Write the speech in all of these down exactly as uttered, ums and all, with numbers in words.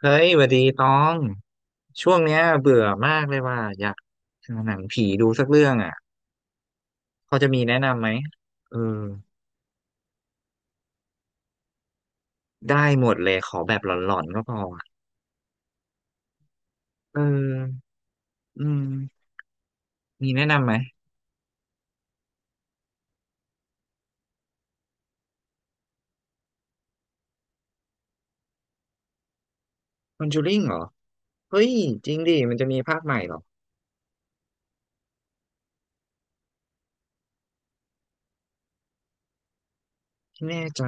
เฮ้ยหวัดดีตอง ช่วงเนี้ยเบื่อมากเลยว่าอยากหาหนังผีดูสักเรื่องอ่ะพอจะมีแนะนำไหมเออได้หมดเลยขอแบบหลอนๆก็พออะเอออืมมีแนะนำไหมคอนจูริงเหรอ เฮ้ยจริงดิมันจะมีภาคใหม่เหรอไม่แน่ใจ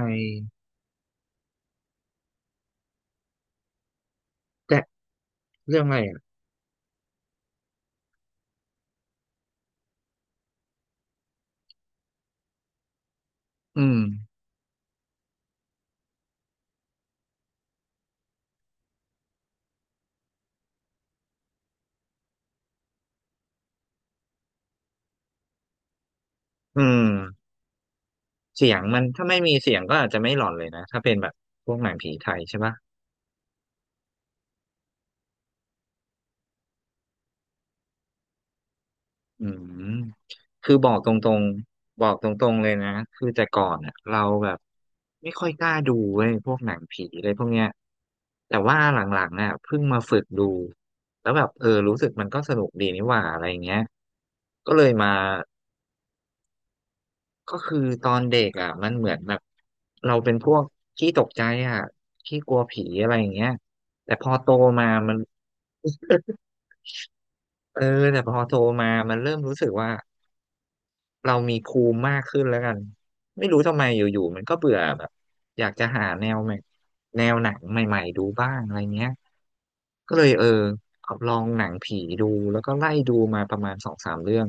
แต่เรื่องอะไรอ่ะอืมอืมเสียงมันถ้าไม่มีเสียงก็อาจจะไม่หลอนเลยนะ ถ้าเป็นแบบพวกหนังผีไทยใช่ปะ อืมคือบอกตรงๆบอกตรงๆเลยนะคือแต่ก่อนอ่ะเราแบบไม่ค่อยกล้าดูเว้ยพวกหนังผีอะไรพวกเนี้ยแต่ว่าหลังๆน่ะเพิ่งมาฝึกดูแล้วแบบเออรู้สึกมันก็สนุกดีนี่หว่าอะไรเงี้ยก็เลยมาก็คือตอนเด็กอ่ะมันเหมือนแบบเราเป็นพวกขี้ตกใจอ่ะขี้กลัวผีอะไรอย่างเงี้ยแต่พอโตมามันเออแต่พอโตมามันเริ่มรู้สึกว่า เรามีภูมิมากขึ้นแล้วกันไม่รู้ทำไมอยู่ๆมันก็เบื่อแบบอยากจะหาแนวใหม่แนวหนังใหม่ๆดูบ้างอะไรเงี้ยก็เลยเออลองหนังผีดูแล้วก็ไล่ดูมาประมาณสองสามเรื่อง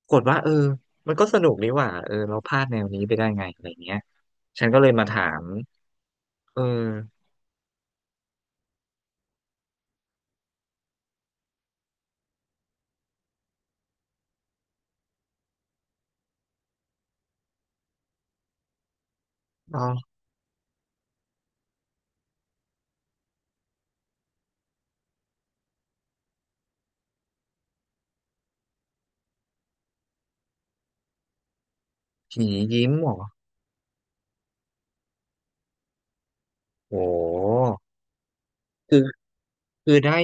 ปรากฏว่าเออมันก็สนุกดีว่ะเออเราพลาดแนวนี้ไปได้ไงอะไรเงี้ยฉันก็เลยมาถามเออลอผียิ้มเหรอโหคือคือได้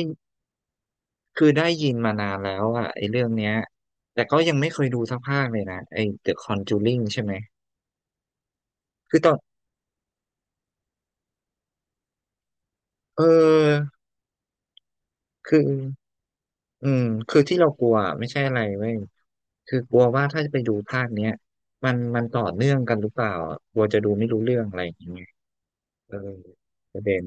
คือได้ยินมานานแล้วอะไอ้เรื่องเนี้ยแต่ก็ยังไม่เคยดูสักภาคเลยนะไอ้ The Conjuring ใช่ไหมคือตอนเออคืออืมคือที่เรากลัวไม่ใช่อะไรเว้ยคือกลัวว่าถ้าจะไปดูภาคเนี้ยมันมันต่อเนื่องกันหรือเปล่าอะกลัวจะดูไม่รู้เรื่องอะไรอย่างเงี้ยเออประเด็น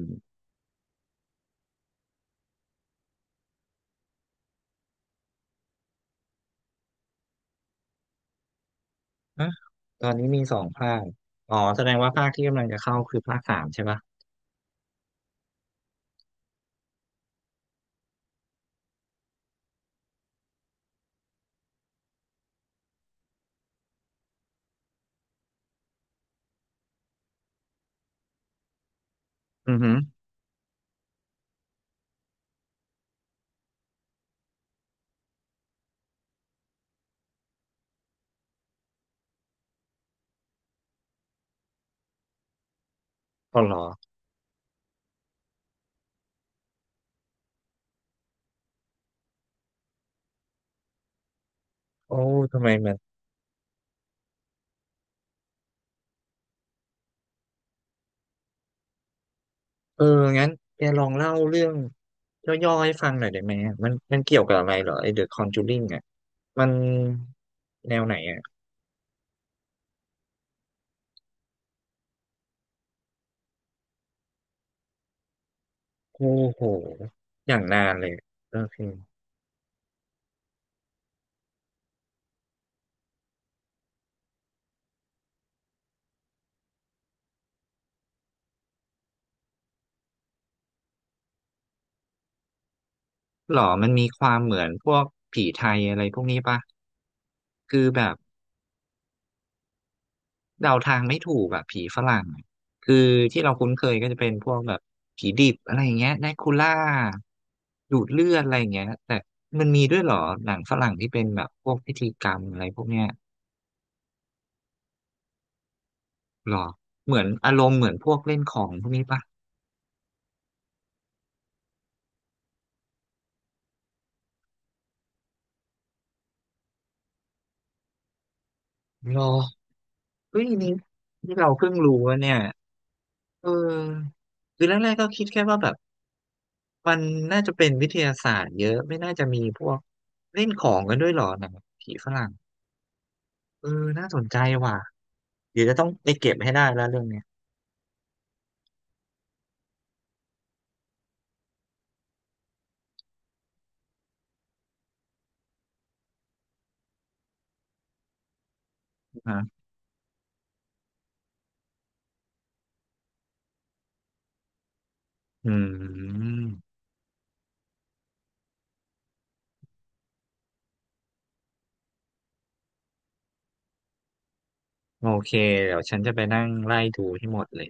นะตอนนี้มีสองภาคอ๋อแสดงว่าภาคที่กำลังจะเข้าคือภาคสามใช่ปะอือหืออ๋อเหรอโอ้ทำไมมัน เออ งั้นแกลองเล่าเรื่องย่อๆให้ฟังหน่อยได้ไหมอะมันมันเกี่ยวกับอะไรเหรอไอ้ The Conjuring อ่ะมันแนวไหนอ่ะโอ้โห อย่างนานเลย โอเคหรอมันมีความเหมือนพวกผีไทยอะไรพวกนี้ปะ คือแบบเดาทางไม่ถูกแบบผีฝรั่งอะคือที่เราคุ้นเคยก็จะเป็นพวกแบบผีดิบอะไรอย่างเงี้ยแดคูล่าดูดเลือดอะไรอย่างเงี้ยแต่มันมีด้วยเหรอหนังฝรั่งที่เป็นแบบพวกพิธีกรรมอะไรพวกเนี้ย หรอเหมือนอารมณ์เหมือนพวกเล่นของพวกนี้ปะหรอเฮ้ยนี่ที่เราเพิ่งรู้ว่าเนี่ยเออคือแรกๆก็คิดแค่ว่าแบบมันน่าจะเป็นวิทยาศาสตร์เยอะไม่น่าจะมีพวกเล่นของกันด้วยหรอหนังผีฝรั่งเออน่าสนใจว่ะเดี๋ยวจะต้องไปเก็บให้ได้แล้วเรื่องเนี้ยฮะอืมโอเคเดี๋ยวฉันจะไปนั่งไล่ดูให้หมดเลย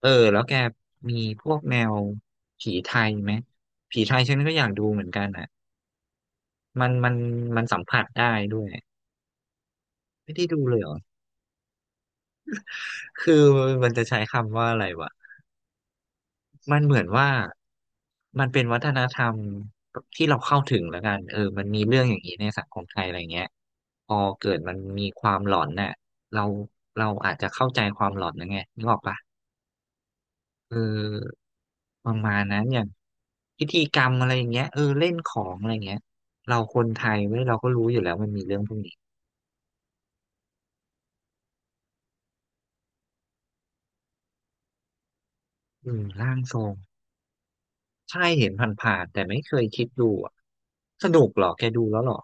เออแล้วแกมีพวกแนวผีไทยไหมผีไทยฉันก็อยากดูเหมือนกันอ่ะ มันมันมันสัมผัสได้ด้วยไม่ได้ดูเลยเหรอคือมันจะใช้คำว่าอะไรวะมันเหมือนว่ามันเป็นวัฒนธรรมที่เราเข้าถึงแล้วกันเออมันมีเรื่องอย่างนี้ในสังคมไทยอะไรเงี้ยพอเกิดมันมีความหลอนน่ะเราเราอาจจะเข้าใจความหลอนนะไงนึกออกปะเออประมาณนั้นอย่างพิธีกรรมอะไรอย่างเงี้ยเออเล่นของอะไรเงี้ยเราคนไทยเว้ยเราก็รู้อยู่แล้วมันมีเรื่องพวกนี้อืมร่างทรง ใช่เห็นผ่านๆแต่ไม่เคยคิดดูอะสนุกเหรอแกดูแล้วเหรอ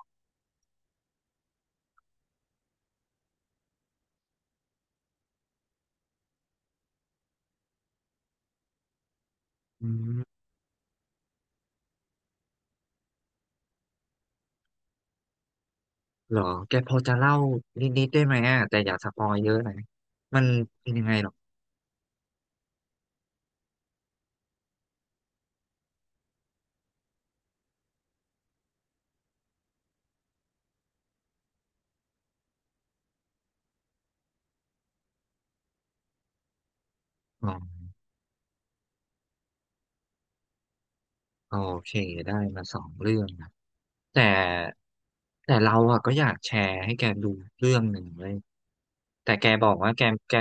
อืมเหรอแกพอจะเล่านิดๆได้ไหมอ่ะแต่อย่าสปอยเยอะนะมันเป็นยังไงหรออ๋อโอเคได้มาสองเรื่องนะแต่แต่เราอ่ะก็อยากแชร์ให้แกดูเรื่องหนึ่งเลยแต่แกบอกว่าแกแก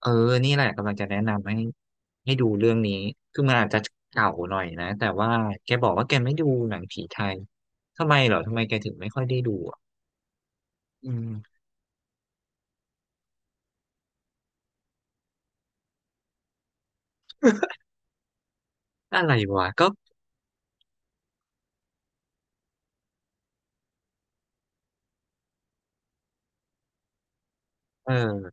เออนี่แหละกำลังจะแนะนำให้ให้ดูเรื่องนี้คือมันอาจจะเก่าหน่อยนะแต่ว่าแกบอกว่าแกไม่ดูหนังผีไทยทำไมเหรอทำไมแกถึงไม่ค่อยได้ดู อืมอะไรวะก็เออ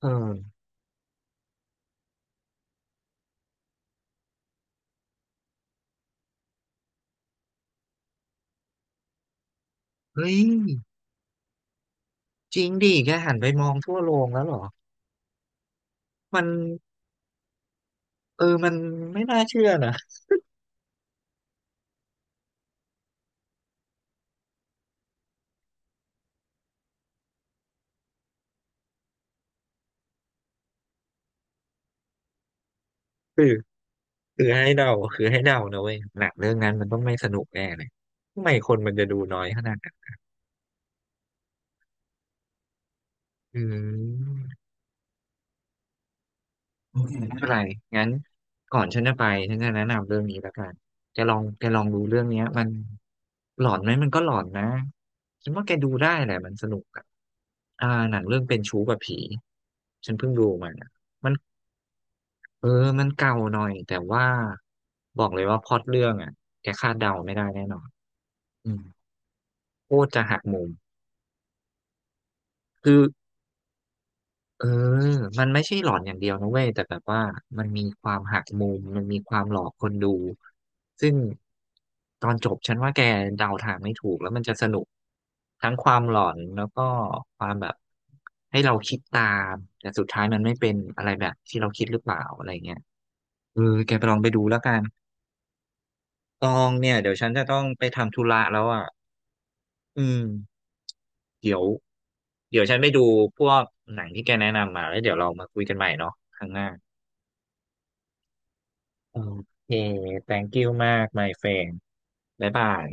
เออเฮ้ยจริงดิแกหันไปมองทั่วโรงแล้วเหรอมันเออมันไม่น่าเชื่อนะคือคือให้เดาคือให้เดานะเว้ยหนังเรื่องนั้นมันต้องไม่สนุกแน่เลยทำไมคนมันจะดูน้อยขนาดนั้นอืม ไม่เป็นไรงั้นก่อนฉันจะไปฉันจะแนะนำเรื่องนี้แล้วกันแกลองแกลองดูเรื่องเนี้ยมันหลอนไหมมันก็หลอนนะฉันว่าแกดูได้แหละมันสนุกอะอ่าหนังเรื่องเป็นชู้กับผีฉันเพิ่งดูมันอะมันเออมันเก่าหน่อยแต่ว่าบอกเลยว่าพล็อตเรื่องอ่ะแกคาดเดาไม่ได้แน่นอนอืมโคตรจะหักมุมคือ เออมันไม่ใช่หลอนอย่างเดียวนะเว้ยแต่แบบว่ามันมีความหักมุมมันมีความหลอกคนดูซึ่งตอนจบฉันว่าแกเดาทางไม่ถูกแล้วมันจะสนุกทั้งความหลอนแล้วก็ความแบบให้เราคิดตามแต่สุดท้ายมันไม่เป็นอะไรแบบที่เราคิดหรือเปล่าอะไรเงี้ยเออแกไปลองไปดูแล้วกันตองเนี่ยเดี๋ยวฉันจะต้องไปทำธุระแล้วอ่ะอืมเดี๋ยวเดี๋ยวฉันไปดูพวกหนังที่แกแนะนำมาแล้วเดี๋ยวเรามาคุยกันใหม่เนาะครั้งหน้า โอเค thank you มาก my friend บ๊ายบาย